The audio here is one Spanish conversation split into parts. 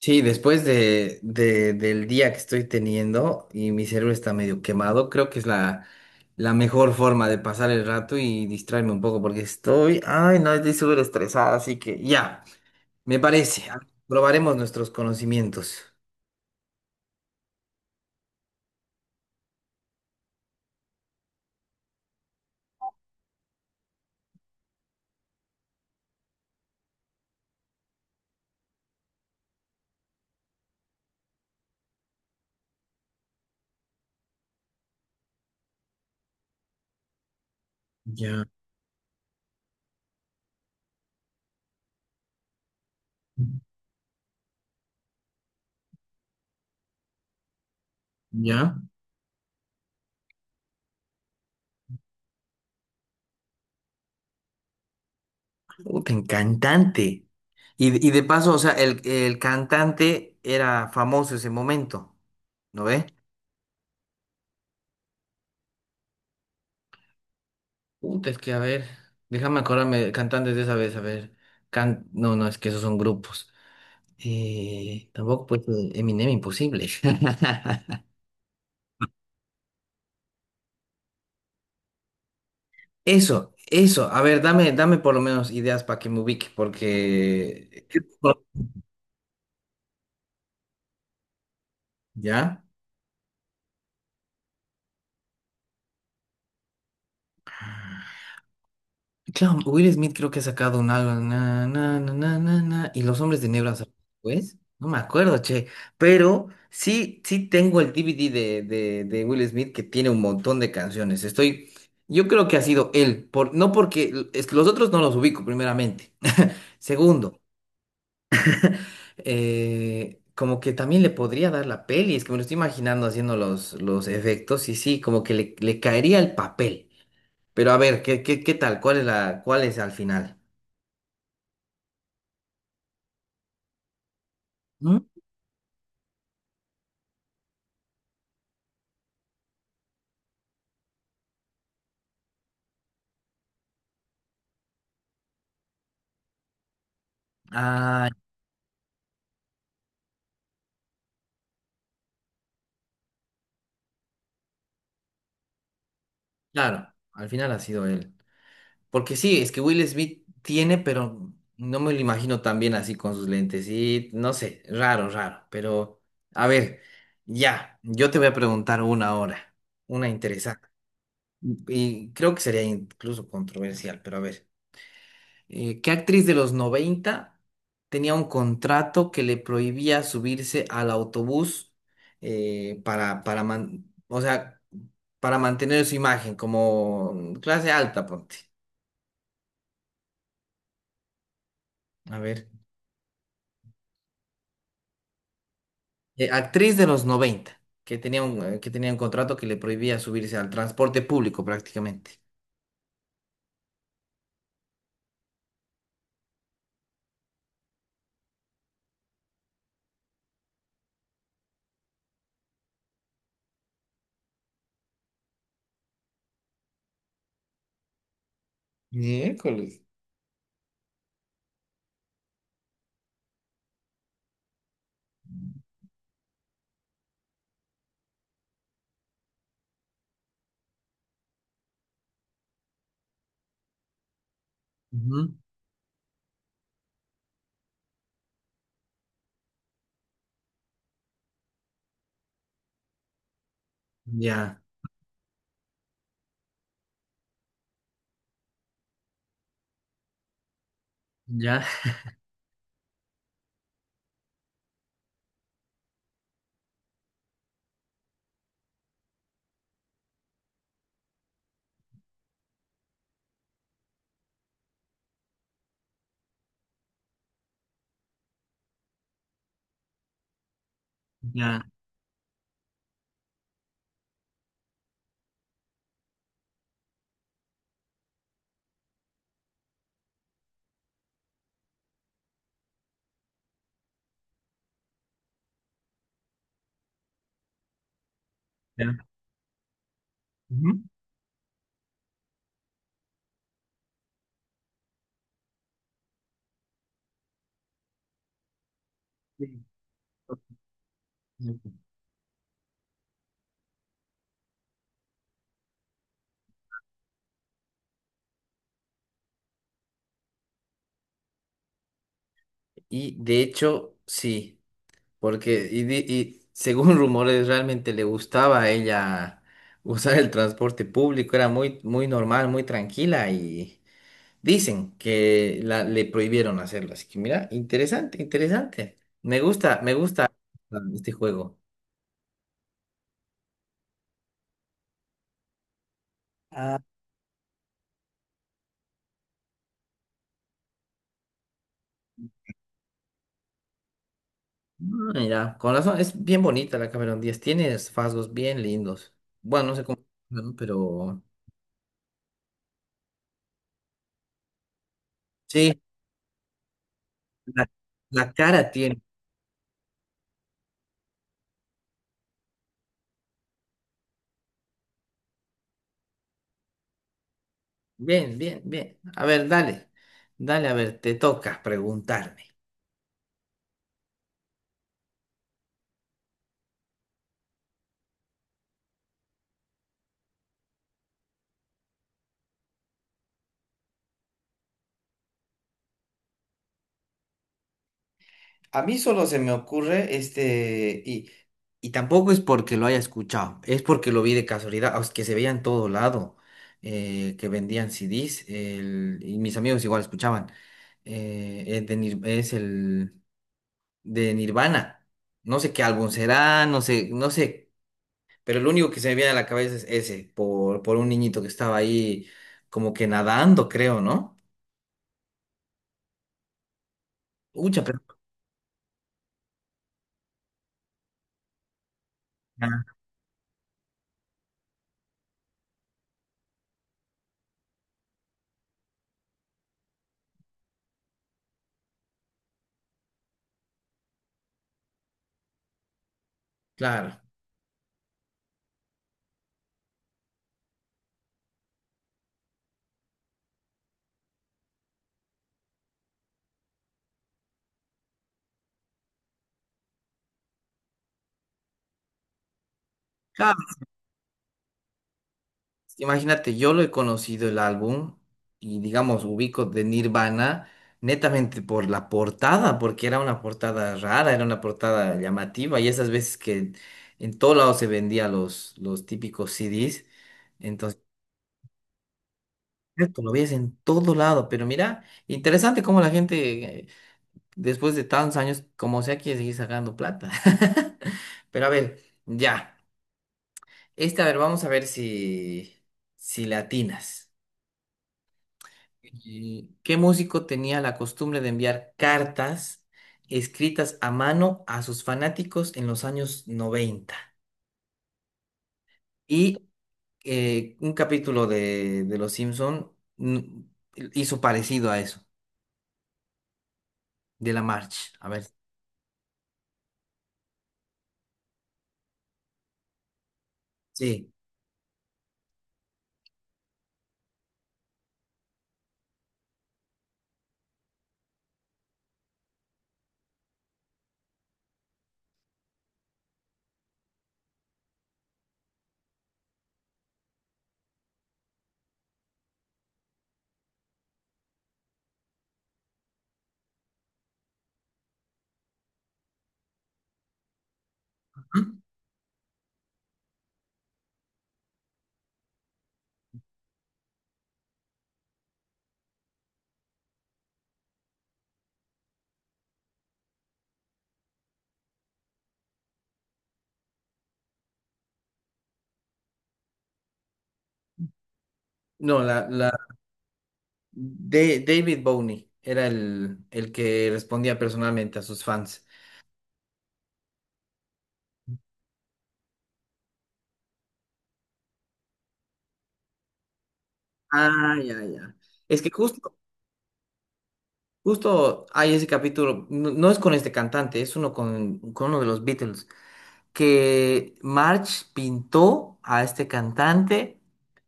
Sí, después del día que estoy teniendo y mi cerebro está medio quemado, creo que es la mejor forma de pasar el rato y distraerme un poco porque estoy, ay, no, estoy súper estresada, así que ya, me parece, probaremos nuestros conocimientos. Ya, ya. Puta, en cantante. Y de paso, o sea, el cantante era famoso ese momento, ¿no ve? Puta, es que a ver, déjame acordarme de cantantes de esa vez, a ver. Can... No, no, es que esos son grupos. Tampoco pues Eminem imposible. Eso, a ver, dame, dame por lo menos ideas para que me ubique, porque... ¿Ya? Claro, Will Smith creo que ha sacado un álbum, na, na, na, na, na, na, y Los Hombres de Negro han sacado, pues, no me acuerdo, che, pero sí, sí tengo el DVD de Will Smith que tiene un montón de canciones, estoy, yo creo que ha sido él, por, no porque, es que los otros no los ubico primeramente, segundo, como que también le podría dar la peli, es que me lo estoy imaginando haciendo los efectos, y sí, como que le caería el papel, pero a ver, ¿ qué tal? ¿Cuál es cuál es al final? Ah, claro, al final ha sido él. Porque sí, es que Will Smith tiene, pero no me lo imagino tan bien así con sus lentes. Y no sé, raro, raro. Pero, a ver, ya, yo te voy a preguntar una ahora, una interesante. Y creo que sería incluso controversial, pero a ver. ¿Qué actriz de los 90 tenía un contrato que le prohibía subirse al autobús man- o sea, para mantener su imagen como clase alta, ponte? A ver. Actriz de los 90 que tenía un contrato que le prohibía subirse al transporte público prácticamente. Miércoles. Ujú. Ya, ya, ya, ya. Ujú. Sí. Y de hecho, sí. Porque, y, di- y según rumores, realmente le gustaba a ella usar el transporte público, era muy, muy normal, muy tranquila y dicen que le prohibieron hacerlo. Así que mira, interesante, interesante. Me gusta este juego. Mm, mira, con razón, es bien bonita la Cameron Díaz, tiene rasgos bien lindos. Bueno, no sé cómo, ¿no? Pero sí, la, la cara tiene. Bien, bien, bien. A ver, dale, dale, a ver, te toca preguntarme. A mí solo se me ocurre este, y tampoco es porque lo haya escuchado, es porque lo vi de casualidad, o es que se veía en todo lado, que vendían CDs, el- y mis amigos igual escuchaban. Es es el de Nirvana. No sé qué álbum será, no sé, no sé, pero lo único que se me viene a la cabeza es ese, por un niñito que estaba ahí como que nadando, creo, ¿no? Ucha, pero... Ah, claro. Imagínate, yo lo he conocido el álbum y digamos ubico de Nirvana netamente por la portada, porque era una portada rara, era una portada llamativa y esas veces que en todo lado se vendía los típicos CDs, entonces esto lo veías en todo lado, pero mira, interesante cómo la gente después de tantos años, como sea, quiere seguir sacando plata. Pero a ver, ya, esta, a ver, vamos a ver si, si le atinas. ¿Qué músico tenía la costumbre de enviar cartas escritas a mano a sus fanáticos en los años 90? Y un capítulo de Los Simpson mm, hizo parecido a eso, de la March. A ver, sí. Ujú. No, David Bowie era el que respondía personalmente a sus fans. Ah, ya, ya. Es que justo Justo hay ese capítulo, no, no es con este cantante, es uno con uno de los Beatles, que Marge pintó a este cantante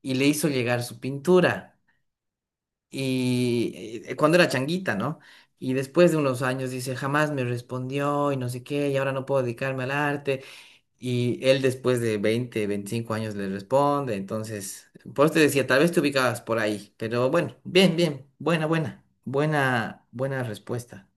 y le hizo llegar su pintura. Y cuando era changuita, ¿no? Y después de unos años dice, jamás me respondió y no sé qué, y ahora no puedo dedicarme al arte. Y él después de 20, 25 años le responde. Entonces, por eso te decía, tal vez te ubicabas por ahí, pero bueno, bien, bien, buena, buena, buena, buena respuesta.